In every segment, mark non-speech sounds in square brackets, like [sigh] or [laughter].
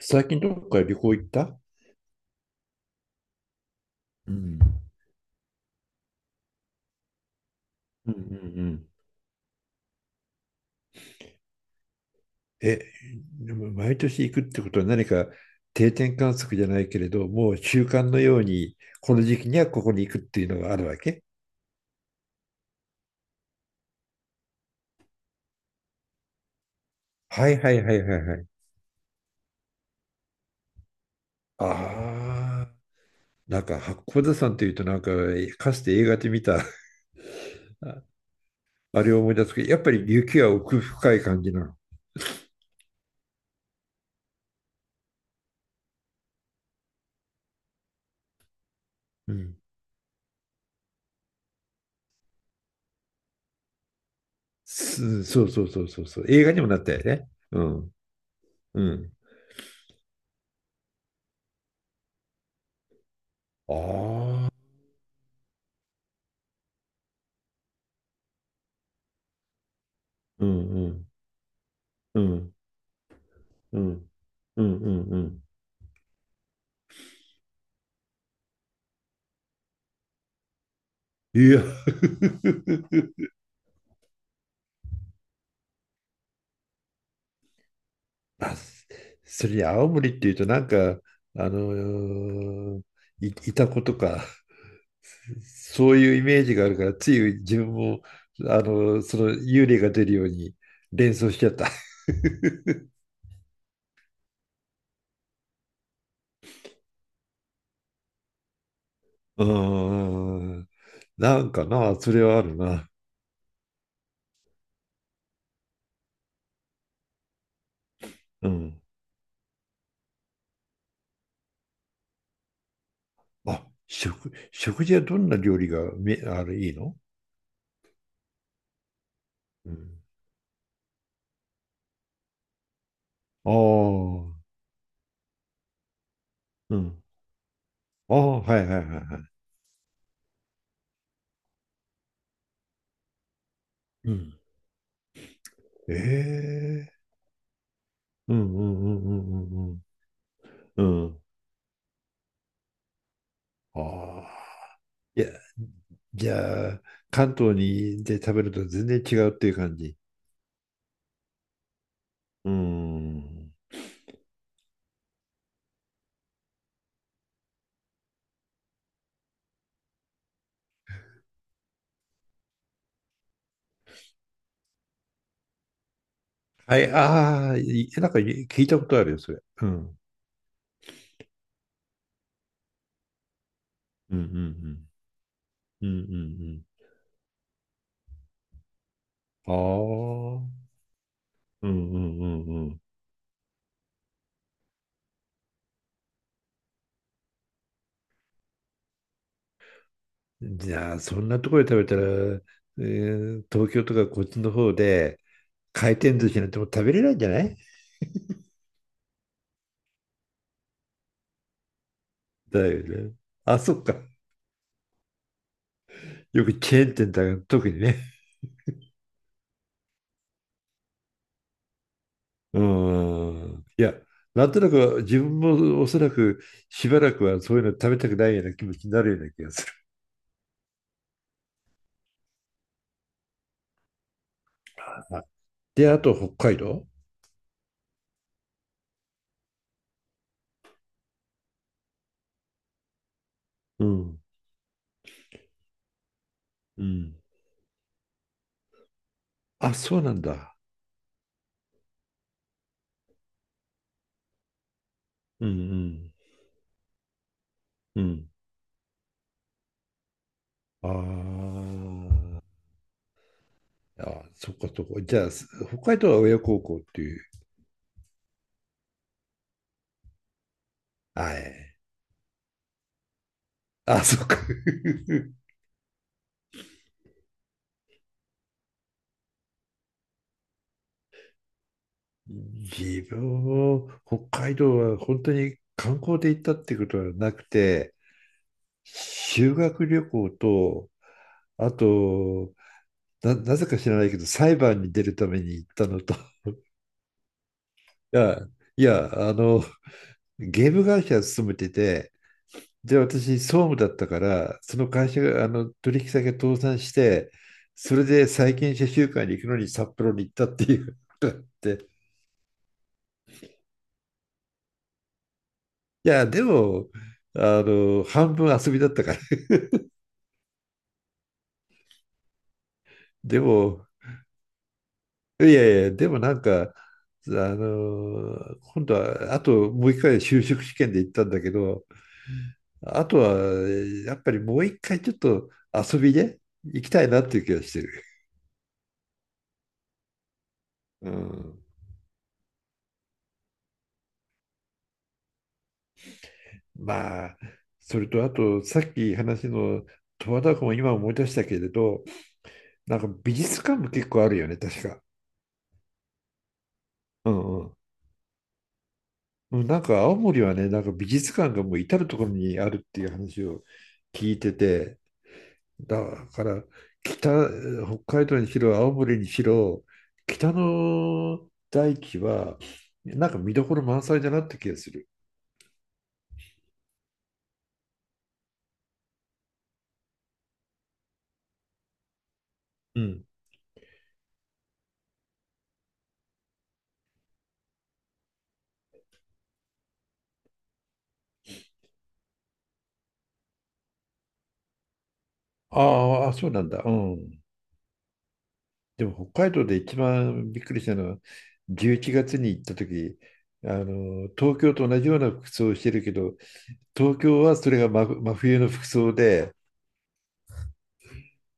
最近どっか旅行行った？うんうんうんうん。え、でも毎年行くってことは何か定点観測じゃないけれど、もう習慣のように、この時期にはここに行くっていうのがあるわけ？はいはいはいはいはい。ああ、なんか八甲田山というと、なんかかつて映画で見た [laughs] ああれを思い出すけど、やっぱり雪は奥深い感じなの？うん。そうそうそうそうそう。映画にもなったよね。うん。うん。ああ。うんうんうん。うん、うん、うん、うん。いや、[laughs] あ、それに青森っていうとなんか、あのいたことか、そういうイメージがあるから、つい自分も、その幽霊が出るように連想しちゃった。[laughs] うん、なんかな、それはあるな。うん。あ、食事はどんな料理がめ、あれ、いいの？うん、ああ、うん、ああ、はいはいはいはい。うん。ええ。うんうんうんうんうんうんうんああ。いや、じゃあ、関東にで食べると全然違うっていう感じ。うん。はい、ああ、なんかい聞いたことあるよ、それ。うん。うんうんうんうんうんうんああうんうんうんうん。じゃあ、そんなところで食べたら、東京とかこっちの方で回転寿司なんてもう食べれないんじゃない？だよね。あ、そっか。よくチェーン店だが特にね。うん。いや、なんとなく自分もおそらくしばらくはそういうの食べたくないような気持ちになるような気がする。[laughs] あ、で、あと北海道。うん。うん。あ、そうなんだ。うんうん。うん。あーあ、そっかそっか。じゃあ、北海道は親孝行っていう。はい。あ、そっか。[laughs] 自分も北海道は本当に観光で行ったってことはなくて、修学旅行と、あと、なぜか知らないけど、裁判に出るために行ったのと、[laughs] いや、いや、ゲーム会社勤めてて、で、私、総務だったから、その会社が、取引先が倒産して、それで債権者集会に行くのに札幌に行ったっていうって、いや、でも、半分遊びだったから、でも、いやいや、でもなんか、あの今度は、あともう一回就職試験で行ったんだけど、あとは、やっぱりもう一回ちょっと遊びで行きたいなっていう気がしてる。うん。まあ、それとあと、さっき話の十和田湖も今思い出したけれど、なんか美術館も結構あるよね、確か。うんうん。うん、なんか青森はね、なんか美術館がもう至る所にあるっていう話を聞いてて、だから北、北海道にしろ青森にしろ北の大地はなんか見どころ満載だなって気がする。うん。ああ、そうなんだ。うん。でも北海道で一番びっくりしたのは11月に行った時、あの東京と同じような服装をしてるけど、東京はそれが真冬の服装で。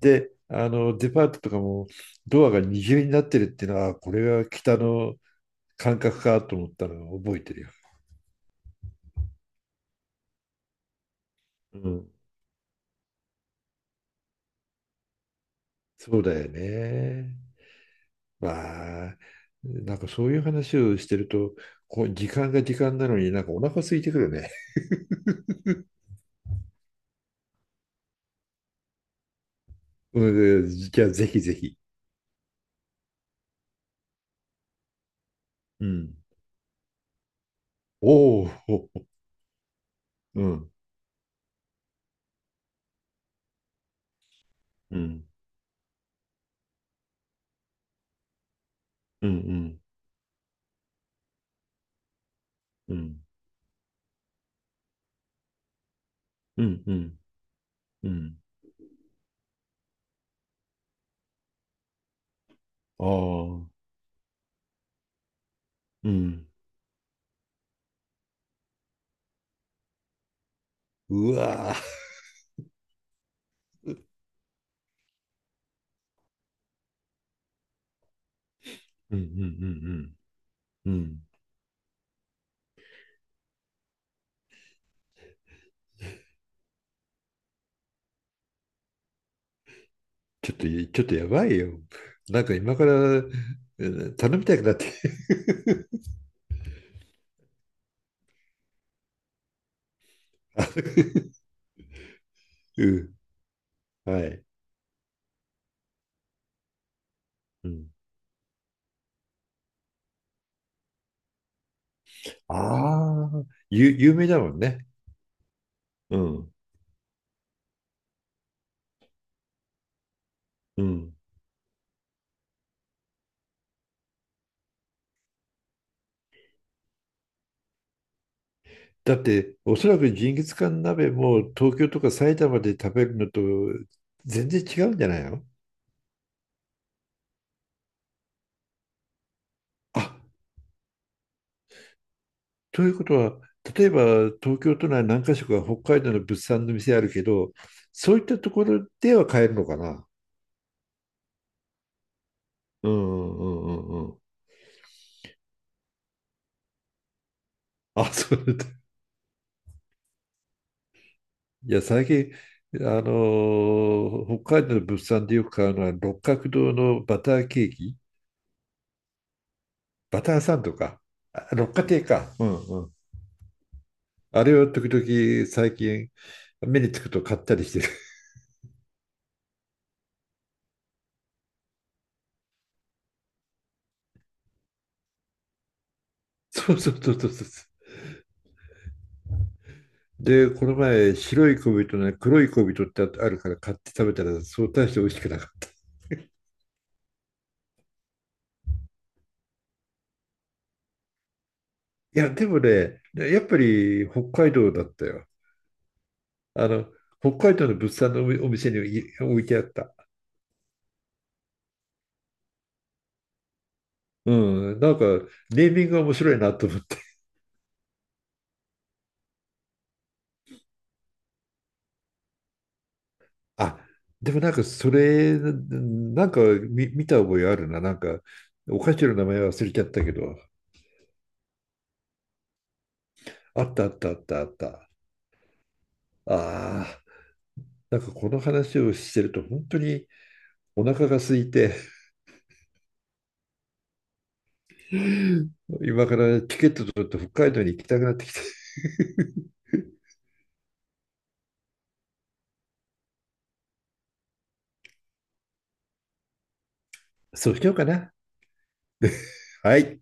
で、デパートとかもドアが二重になってるっていうのは、あ、これが北の感覚かと思ったのを覚えてるよ。うん、そうだよね。わあ、なんかそういう話をしてると、こう時間が時間なのになんかお腹空いてくるね。[laughs] うん、じゃあぜひぜひ。うん。おーおー、うん、うん、うん、うん、うん、うん、うん、ああー、うん、うわー、うん、うん、うん、うん、うん。ちょっと、ちょっとやばいよ。なんか今から、うん、頼みたくなって。[laughs] うん、はい。うん。ああ、有名だもんね。うん。うん。だって、おそらくジンギスカン鍋も東京とか埼玉で食べるのと全然違うんじゃないの？あ、ということは、例えば東京都内何か所か北海道の物産の店あるけど、そういったところでは買えるのかな？うんうんうんうんうん。あ、そうだった。いや、最近、北海道の物産でよく買うのは六角堂のバターケーキ。バターサンドか、六花亭か、うんうん。あれを時々最近目につくと買ったりしてる。[laughs] そうそうそうそうそう。で、この前、白い小人ね、黒い小人ってあるから買って食べたら、そう大して美味しくなかった。いや、でもね、やっぱり北海道だったよ。あの、北海道の物産のお店に置いてあった。うん、なんか、ネーミングが面白いなとあ、でもなんかそれ、なんか見た覚えあるな。なんか、お菓子の名前忘れちゃったけど、あったあったあったあった。ああ、なんかこの話をしてると本当にお腹が空いて、[laughs] 今からチケット取って北海道に行きたくなってきて。[laughs] そうしようかな。はい。